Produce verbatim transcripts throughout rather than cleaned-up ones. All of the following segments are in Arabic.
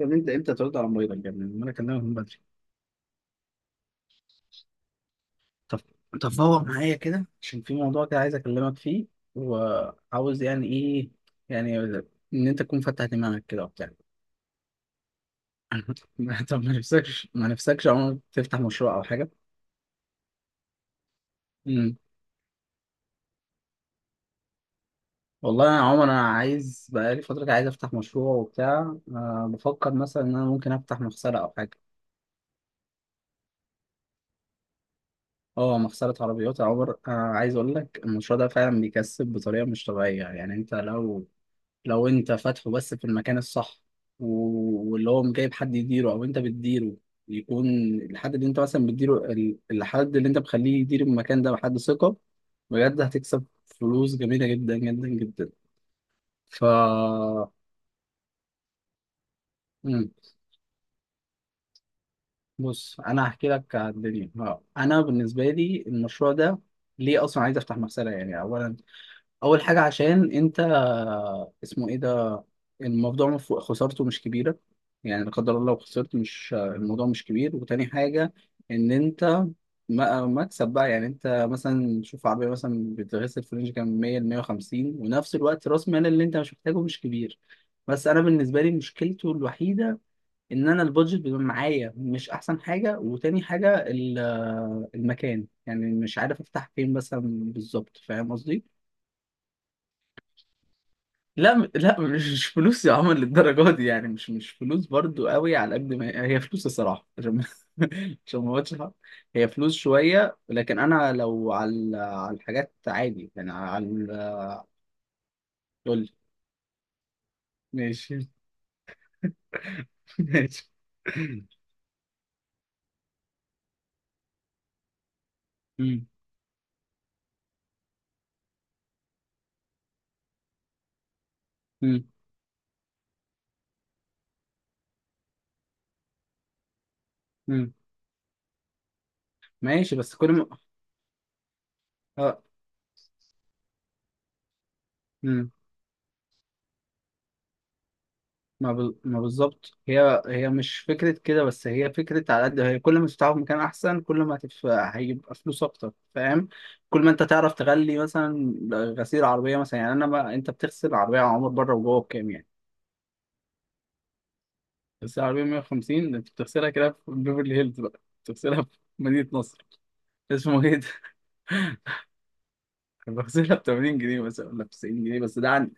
يا ابني، انت امتى ترد على مريضك؟ يا ابني لما انا اكلمك من بدري. طب، هو معايا كده عشان في موضوع كده عايز اكلمك فيه. وعاوز يعني ايه يعني ان انت تكون فتح دماغك كده وبتاع طب ما نفسكش ما نفسكش عمر تفتح مشروع او حاجه؟ امم والله يا عمر انا عايز بقالي فتره كده، عايز افتح مشروع وبتاع، أه بفكر مثلا ان انا ممكن افتح مغسله او حاجه. اه، مغسله عربيات يا عمر. أه عايز اقول لك المشروع ده فعلا بيكسب بطريقه مش طبيعيه، يعني انت لو لو انت فاتحه بس في المكان الصح، و- واللي هو جايب حد يديره او انت بتديره، يكون الحد اللي انت مثلا بتديره، ال- الحد اللي انت مخليه يدير المكان ده بحد ثقة، بجد هتكسب فلوس جميلة جدا جدا جدا. ف مم. بص انا هحكي لك على الدنيا. اه، انا بالنسبة لي المشروع ده ليه اصلا عايز افتح مغسلة؟ يعني اولا اول حاجة عشان انت، اسمه ايه ده، الموضوع مف- خسارته مش كبيرة، يعني لا قدر الله لو خسرت مش الموضوع مش كبير. وتاني حاجة، إن أنت ما- مكسب بقى، يعني أنت مثلا شوف عربية مثلا بتغسل في رينج كام، مية ل مية وخمسين، ونفس الوقت رأس مال اللي أنت مش محتاجه مش كبير. بس أنا بالنسبة لي مشكلته الوحيدة إن أنا البادجت بيبقى معايا مش أحسن حاجة. وتاني حاجة ال- المكان، يعني مش عارف أفتح فين مثلا. بالظبط، فاهم قصدي؟ لا م- لا، مش فلوس يا عمر للدرجه دي، يعني مش مش فلوس برضو قوي، على قد ما هي هي فلوس الصراحه، عشان عشان ما اقولش حق. هي فلوس شويه، لكن انا لو على على الحاجات عادي يعني على، قول لي. ماشي ماشي. مم. مم. مم. ماشي، بس كل ما، اه، ما ب... ما بالظبط، هي هي مش فكرة كده، بس هي فكرة على قد هي، كل ما تفتحه في مكان أحسن كل ما هتف... هيبقى فلوس أكتر، فاهم؟ كل ما أنت تعرف تغلي مثلا غسيل عربية مثلا، يعني أنا، ما أنت بتغسل عربية يا عمر بره وجوه بكام يعني؟ غسيل عربية مية وخمسين، ده أنت بتغسلها كده في بيفرلي هيلز، بقى بتغسلها في مدينة نصر. اسمه إيه ده؟ بغسلها ب تمانين جنيه مثلا ولا ب تسعين جنيه، بس ده عن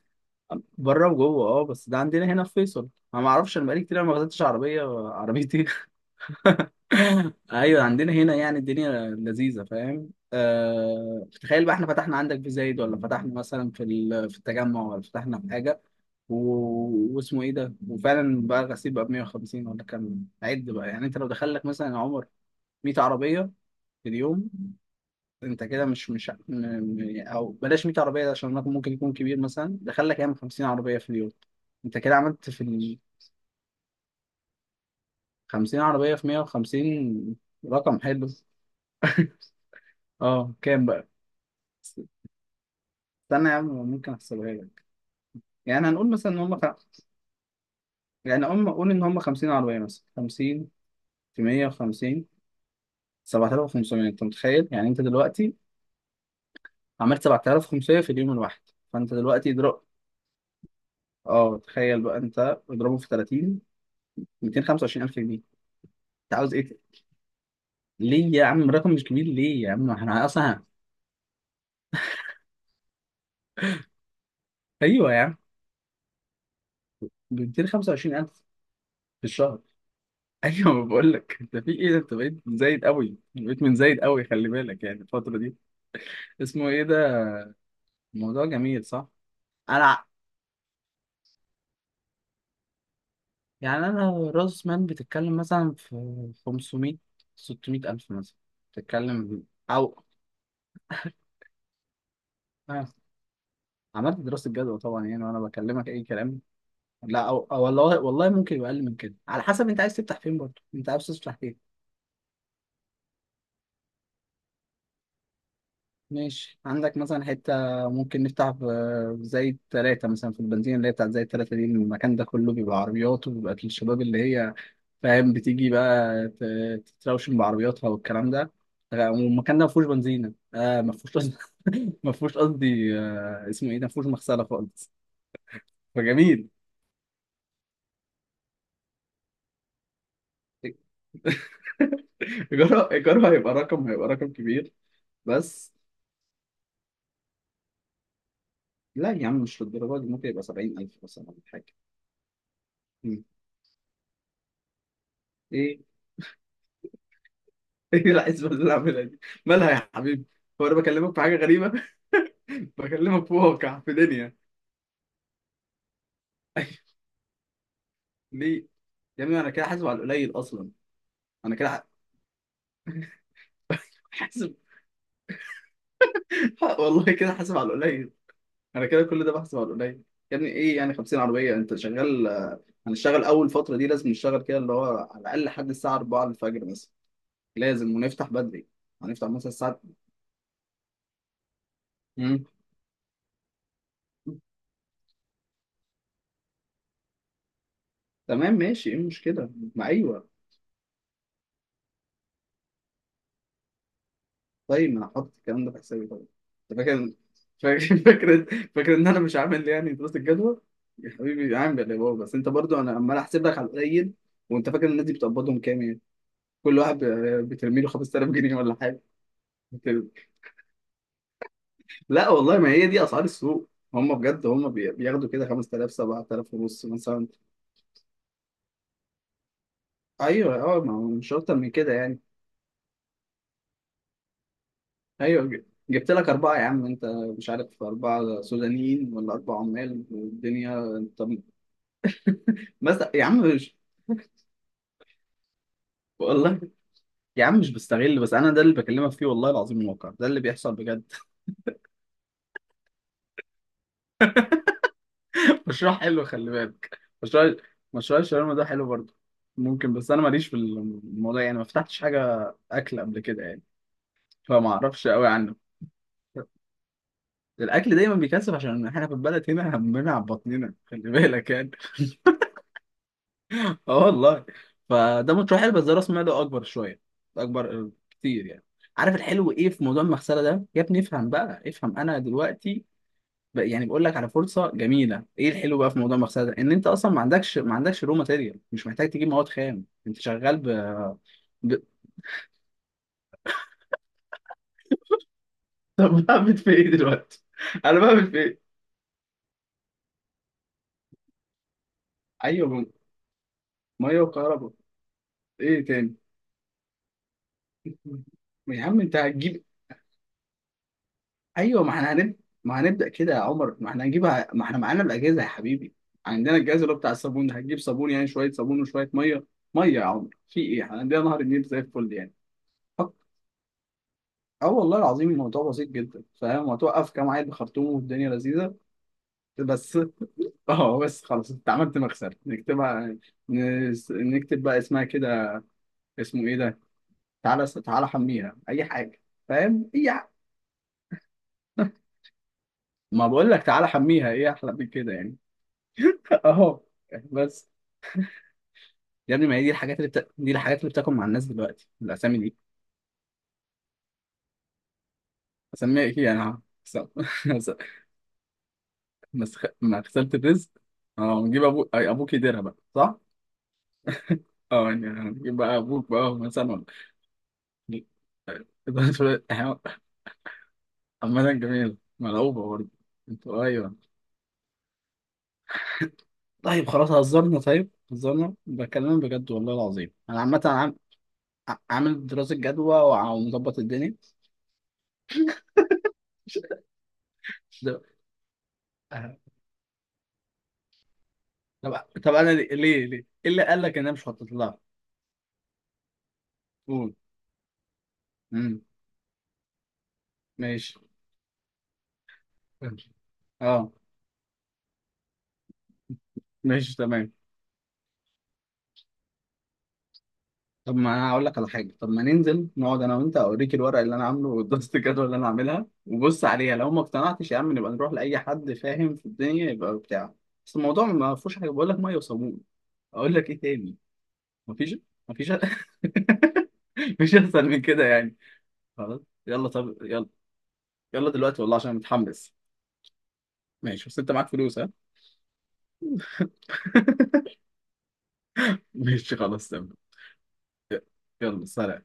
بره وجوه. أه بس ده عندنا هنا في فيصل، أنا ما أعرفش، أنا بقالي كتير ما غسلتش عربية عربيتي ايوه عندنا هنا، يعني الدنيا لذيذه، فاهم؟ أه، تخيل بقى احنا فتحنا عندك في زايد، ولا فتحنا مثلا في ال... في التجمع، ولا فتحنا في حاجه و، واسمه ايه ده، وفعلا بقى غسيل بقى ب مئة وخمسين ولا كام، عد بقى، يعني انت لو دخل لك مثلا يا عمر مية عربيه في اليوم، انت كده مش مش م... م- او بلاش مية عربيه ده عشان رقم ممكن يكون كبير، مثلا دخل لك يعني خمسين عربيه في اليوم، انت كده عملت في ال خمسين عربيه في مية وخمسين، رقم حلو اه كام بقى؟ استنى يا عم، ممكن احسبها لك. يعني هنقول مثلا ان هم خ... يعني هم، قول ان هم خمسين عربيه مثلا، خمسين في مئة وخمسين، سبعة آلاف وخمسمية، انت متخيل؟ يعني انت دلوقتي عملت سبعة آلاف وخمسمية في اليوم الواحد، فانت دلوقتي اضرب. اه تخيل بقى انت، اضربه في ثلاثين، مئتين وخمسة وعشرين ألف جنيه. انت عاوز ايه؟ ليه يا عم رقم مش كبير؟ ليه يا عم احنا اصلا ه- ايوه يا عم ب مئتين وخمسة وعشرين ألف في الشهر ايوه ما بقول لك انت، في ايه ده، انت بقيت زايد قوي، بقيت من زايد قوي، خلي بالك يعني الفتره دي. اسمه ايه ده، الموضوع جميل صح؟ أنا، يعني أنا راس مال بتتكلم مثلا في خمسمية ستمية ألف مثلا، بتتكلم، أو آه. عملت دراسة جدوى طبعا، يعني وأنا بكلمك أي كلام؟ لا، أو, أو والله والله ممكن يبقى أقل من كده على حسب أنت عايز تفتح فين برضه، أنت عايز تفتح إيه؟ ماشي، عندك مثلا حتة ممكن نفتح ب- زي ثلاثة مثلا في البنزينة اللي هي بتاعت زي الثلاثة دي، المكان ده كله بيبقى عربيات، وبيبقى الشباب اللي هي، فاهم، بتيجي بقى ت- تتروشن بعربياتها والكلام ده، آه. والمكان ده ما فيهوش بنزينة، آه ما فيهوش قصدي ما فيهوش قصدي آه اسمه ايه ده، ما فيهوش مغسلة خالص، فجميل. إيجاره إيجاره هيبقى رقم هيبقى رقم كبير. بس لا يا عم، مش للدرجة دي، ممكن يبقى سبعين ألف مثلا ولا حاجة. مم. إيه؟ ايه العزبه اللي انا عاملها دي؟ مالها يا حبيبي؟ هو انا بكلمك في حاجه غريبه؟ بكلمك في واقع، في دنيا أيوة. ليه؟ يا ابني انا كده حاسب على القليل اصلا، انا كده حاسب والله كده حاسب على القليل، انا كده كل ده بحسب على القليل. يا ابني ايه يعني خمسين عربيه، انت شغال هنشتغل اول فتره دي لازم نشتغل كده، اللي هو على الاقل لحد الساعه أربعة الفجر مثلا، لازم، ونفتح بدري، هنفتح مثلا الساعه، مم. تمام، ماشي، ايه المشكله، ما ايوه. طيب ما انا حاطط الكلام ده في حسابي طبعا. انت فاكر فاكر فاكر فاكر ان انا مش عامل يعني دراسه الجدوى يا حبيبي؟ عامل يا بابا، بس انت برضو، انا عمال احسب لك على القليل. وانت فاكر الناس دي بتقبضهم كام يعني؟ كل واحد ب- بترمي له خمسة آلاف جنيه ولا حاجه؟ بترمي. لا والله، ما هي دي اسعار السوق، هم بجد هم بي- بياخدوا كده خمسة آلاف، سبعة آلاف ونص مثلا. ايوه، اه، ما هو مش اكتر من كده يعني. ايوه ج- جبت لك اربعه يا عم انت، مش عارف اربعه سودانيين ولا اربع عمال والدنيا طب، مثلا يا عم. والله يا عم مش بستغل، بس انا ده اللي بكلمك فيه، والله العظيم الواقع ده اللي بيحصل بجد. مشروع حلو، خلي بالك، مشروع، مشروع الشاورما ده حلو برضه. ممكن، بس انا ماليش في الموضوع يعني، ما فتحتش حاجه اكل قبل كده يعني، فما اعرفش قوي عنه. الاكل دايما بيكسب عشان احنا في البلد هنا همنا على بطننا، خلي بالك يعني اه والله. فده مشروع حلو، بس ده راس ماله اكبر شويه، اكبر كتير يعني. عارف الحلو ايه في موضوع المغسله ده يا ابني؟ افهم بقى، افهم انا دلوقتي ب- يعني بقول لك على فرصه جميله. ايه الحلو بقى في موضوع المغسله ده، ان انت اصلا ما عندكش ما عندكش رو ماتيريال، مش محتاج تجيب مواد خام، انت شغال ب... ب... طب بعمل في ايه دلوقتي، انا بعمل في ايه؟ ايوه ب- ميه وكهرباء. ايه تاني؟ يا عم انت هتجيب، ايوه، ما احنا هنبدا ما هنبدا كده يا عمر، ما احنا هنجيبها، ما احنا معانا الاجهزه يا حبيبي، عندنا الجهاز اللي هو بتاع الصابون ده، هتجيب صابون يعني، شويه صابون وشويه ميه. ميه يا عمر في ايه، احنا عندنا نهر النيل زي الفل يعني. اه، والله العظيم الموضوع بسيط جدا فاهم، وتوقف كام عيل بخرطوم، والدنيا لذيذه بس اه بس خلاص انت عملت مكسب، نكتبها، نس- نكتب بقى اسمها كده، اسمه ايه ده، تعالى تعالى حميها اي حاجه، فاهم، اي حاجة. ما بقول لك تعالى حميها، ايه احلى من كده يعني؟ اهو، بس يا ابني ما هي دي الحاجات اللي بت... دي الحاجات اللي بتاكل مع الناس دلوقتي، الاسامي دي. اسميها ايه انا؟ مسخ... مغسله الرزق. اه، نجيب ابوك، ابوك يديرها بقى صح؟ اه، يعني هنجيب بقى ابوك بقى مثلا إدارة الأولاد، إحنا- عامة جميل ملعوبة برضه. انتوا، أيوه. طيب خلاص هزرنا، طيب هزرنا، بكلمك بجد والله العظيم، أنا عامة عام- ع- عامل دراسة جدوى، وع- ومظبط الدنيا. ده- آه. طب، طب أنا ليه ليه ليه؟ إيه اللي قال لك إن أنا مش هخطط لها؟ قول. مم. ماشي. اه ماشي، تمام. طب ما انا هقول لك على حاجه، طب ما ننزل نقعد انا وانت، اوريك الورق اللي انا عامله والدراسه الجدوى اللي انا عاملها، وبص عليها، لو ما اقتنعتش يا عم نبقى نروح لاي حد فاهم في الدنيا يبقى بتاع. بس الموضوع ما فيهوش حاجه، بقول لك ميه وصابون، اقول لك ايه تاني؟ مفيش، مفيش مفيش احسن من كده يعني. خلاص. يلا، طب يلا، يلا دلوقتي والله عشان متحمس. ماشي، بس انت معاك فلوس ها؟ ماشي خلاص تمام. يلا سلام.